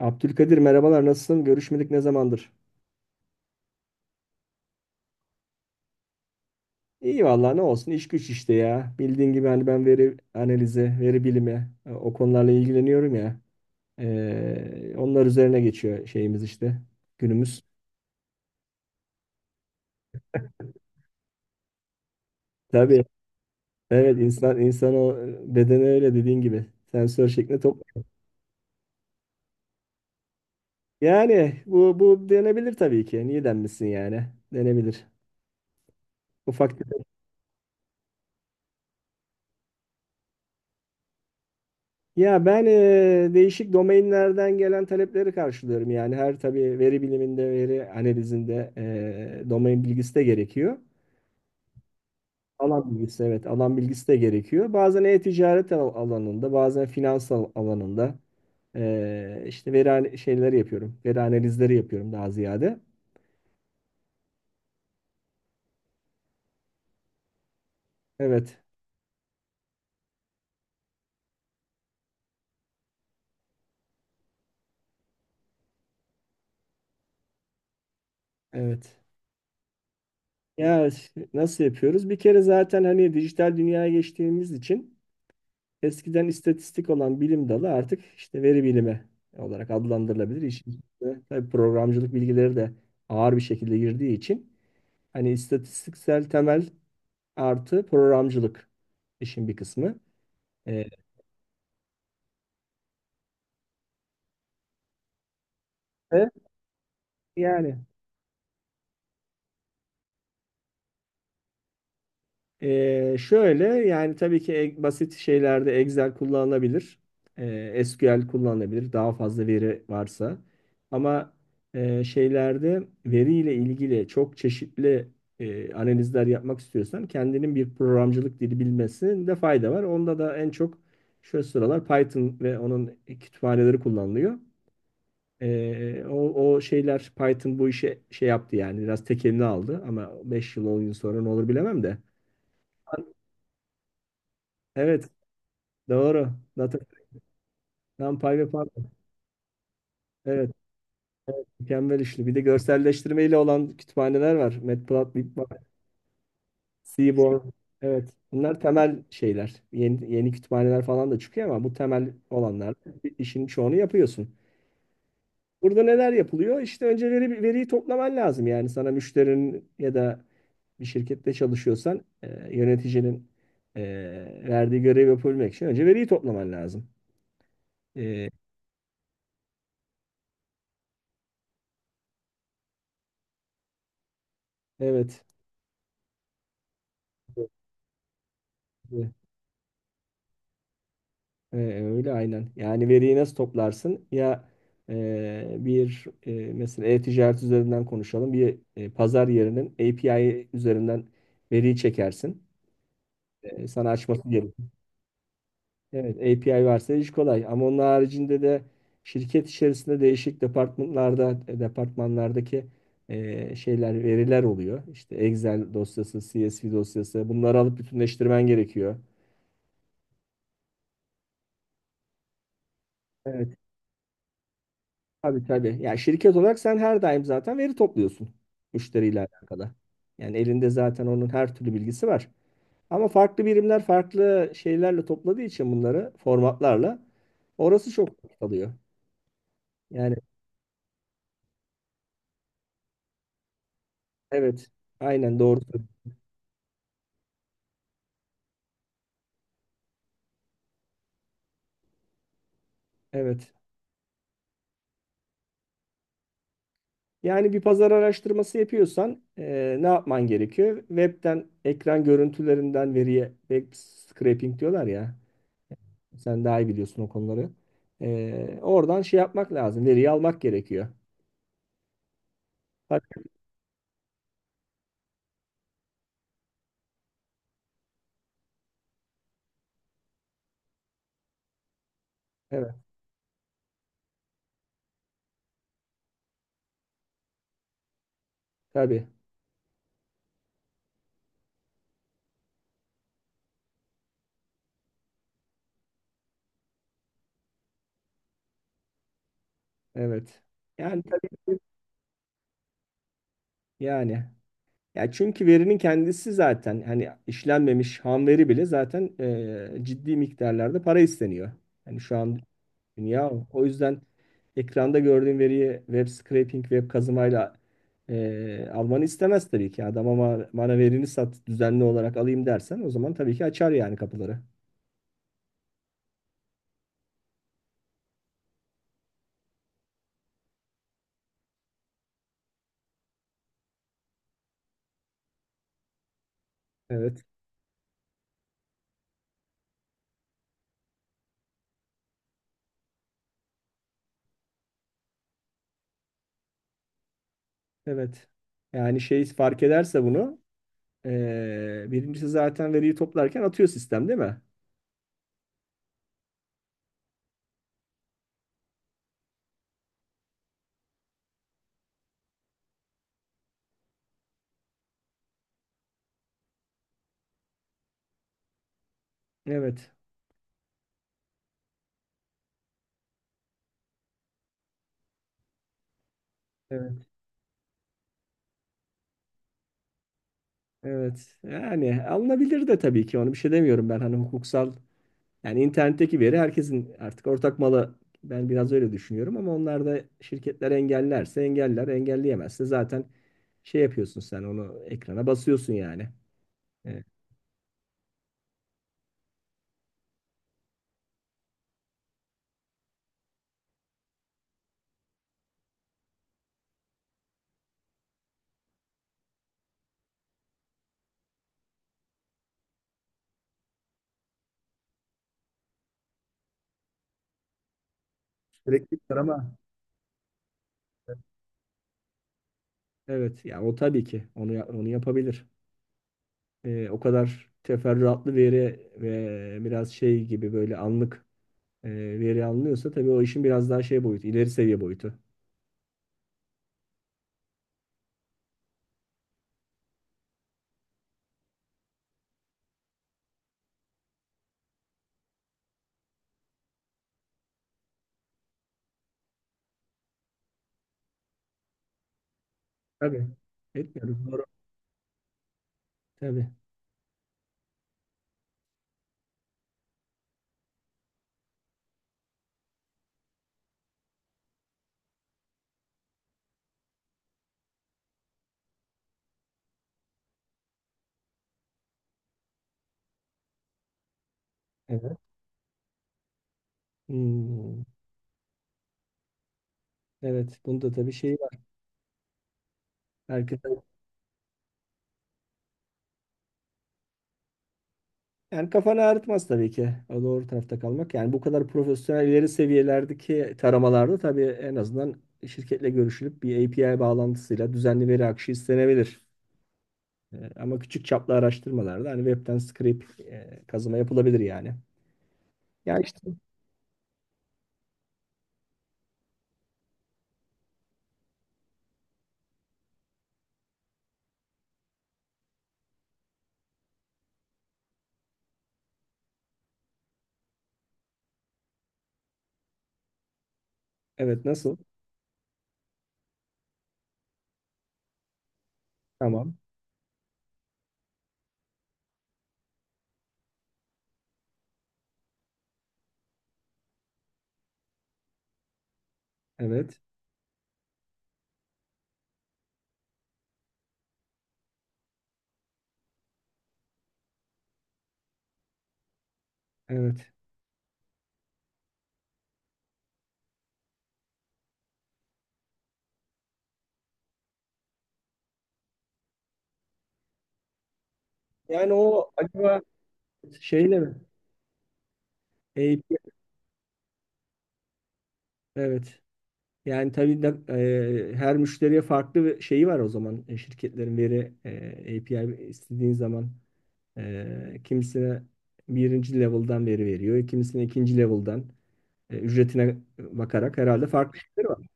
Abdülkadir merhabalar, nasılsın? Görüşmedik ne zamandır? İyi vallahi, ne olsun, iş güç işte ya. Bildiğin gibi hani ben veri analizi, veri bilimi, o konularla ilgileniyorum ya. Onlar üzerine geçiyor şeyimiz işte günümüz. Tabii, evet, insan o bedeni öyle dediğin gibi sensör şeklinde top. Yani bu denebilir tabii ki. Niye denmesin yani? Denebilir. Ufak Ya ben değişik domainlerden gelen talepleri karşılıyorum. Yani her tabii veri biliminde, veri analizinde domain bilgisi de gerekiyor. Alan bilgisi, evet, alan bilgisi de gerekiyor. Bazen e-ticaret alanında, bazen finans alanında, işte veri şeyleri yapıyorum. Veri analizleri yapıyorum daha ziyade. Evet, evet. Ya nasıl yapıyoruz? Bir kere zaten hani dijital dünyaya geçtiğimiz için eskiden istatistik olan bilim dalı artık işte veri bilimi olarak adlandırılabilir. İşin içine tabii programcılık bilgileri de ağır bir şekilde girdiği için hani istatistiksel temel artı programcılık işin bir kısmı. Ee, ve yani şöyle yani tabii ki basit şeylerde Excel kullanılabilir. SQL kullanılabilir. Daha fazla veri varsa. Ama şeylerde veriyle ilgili çok çeşitli analizler yapmak istiyorsan kendinin bir programcılık dili bilmesinde fayda var. Onda da en çok şu sıralar Python ve onun kütüphaneleri kullanılıyor. Ee, o, o şeyler, Python bu işe şey yaptı yani biraz tekelini aldı ama 5 yıl 10 yıl sonra ne olur bilemem de. Evet. Doğru. NumPy ve Python. Evet, mükemmel işli. Bir de görselleştirmeyle olan kütüphaneler var. Matplotlib var. Seaborn. Evet. Bunlar temel şeyler. Yeni, yeni kütüphaneler falan da çıkıyor ama bu temel olanlar İşin çoğunu yapıyorsun. Burada neler yapılıyor? İşte önce veriyi toplaman lazım. Yani sana müşterinin ya da bir şirkette çalışıyorsan yöneticinin e, verdiği görevi yapabilmek için önce veriyi toplaman lazım. E, evet. Ee, öyle aynen. Yani veriyi nasıl toplarsın? Ya bir mesela e-ticaret üzerinden konuşalım. Bir pazar yerinin API üzerinden veriyi çekersin. Sana açması gerekir. Evet, API varsa iş kolay. Ama onun haricinde de şirket içerisinde değişik departmanlardaki şeyler, veriler oluyor. İşte Excel dosyası, CSV dosyası. Bunları alıp bütünleştirmen gerekiyor. Evet. Tabii, tabii. Yani şirket olarak sen her daim zaten veri topluyorsun müşteriyle alakalı. Yani elinde zaten onun her türlü bilgisi var. Ama farklı birimler farklı şeylerle topladığı için bunları formatlarla orası çok vakit alıyor. Yani evet, aynen doğru. Evet. Yani bir pazar araştırması yapıyorsan ne yapman gerekiyor? Web'den ekran görüntülerinden veriye web scraping diyorlar ya. Sen daha iyi biliyorsun o konuları. Oradan şey yapmak lazım. Veriyi almak gerekiyor. Hakkı, evet, tabii, evet. Yani tabii, yani. Ya çünkü verinin kendisi zaten hani işlenmemiş ham veri bile zaten ciddi miktarlarda para isteniyor. Hani şu an dünya o. O yüzden ekranda gördüğün veriyi web scraping, web kazımayla almanı istemez tabii ki. Adam ama bana verini sat, düzenli olarak alayım dersen, o zaman tabii ki açar yani kapıları. Evet, evet. Yani şey fark ederse bunu, birincisi zaten veriyi toplarken atıyor sistem, değil mi? Evet. Evet. Evet. Yani alınabilir de tabii ki, onu bir şey demiyorum ben, hani hukuksal yani internetteki veri herkesin artık ortak malı, ben biraz öyle düşünüyorum. Ama onlar da, şirketler, engellerse engeller, engelleyemezse zaten şey yapıyorsun, sen onu ekrana basıyorsun yani. E, Elektrik var ama evet, yani o tabii ki onu onu yapabilir. O kadar teferruatlı veri ve biraz şey gibi böyle anlık e, veri alınıyorsa tabii o işin biraz daha şey boyutu, ileri seviye boyutu. Tabii. Etmiyorum. Doğru. Tabii. Evet. Hmm. Evet. Bunda tabii şey var. Herkes Yani kafanı ağrıtmaz tabii ki o doğru tarafta kalmak. Yani bu kadar profesyonel ileri seviyelerdeki taramalarda tabii en azından şirketle görüşülüp bir API bağlantısıyla düzenli veri akışı istenebilir. Ama küçük çaplı araştırmalarda hani webten scrape kazıma yapılabilir yani. Ya işte, evet, nasıl? Tamam. Evet. Evet. Yani o acaba şeyle mi? API, evet. Yani tabii de, her müşteriye farklı bir şeyi var o zaman, şirketlerin veri API istediğin zaman, kimisine birinci level'dan veri veriyor. Kimisine ikinci level'dan, ücretine bakarak herhalde farklı şeyler var.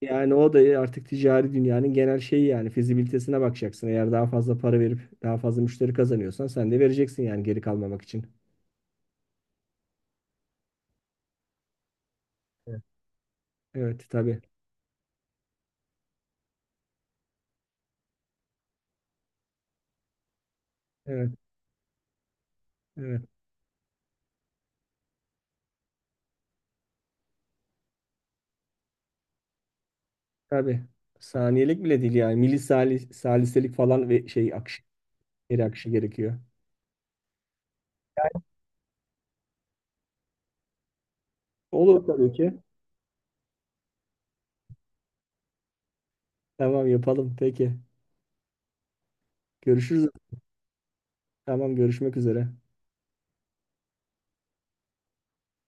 Yani o da artık ticari dünyanın genel şeyi, yani fizibilitesine bakacaksın. Eğer daha fazla para verip daha fazla müşteri kazanıyorsan sen de vereceksin yani, geri kalmamak için. Evet. Evet, tabii. Evet, evet. Tabii. Saniyelik bile değil yani. Milisali, saliselik falan ve şey akışı, geri akışı gerekiyor. Olur tabii ki. Tamam, yapalım. Peki. Görüşürüz. Tamam, görüşmek üzere.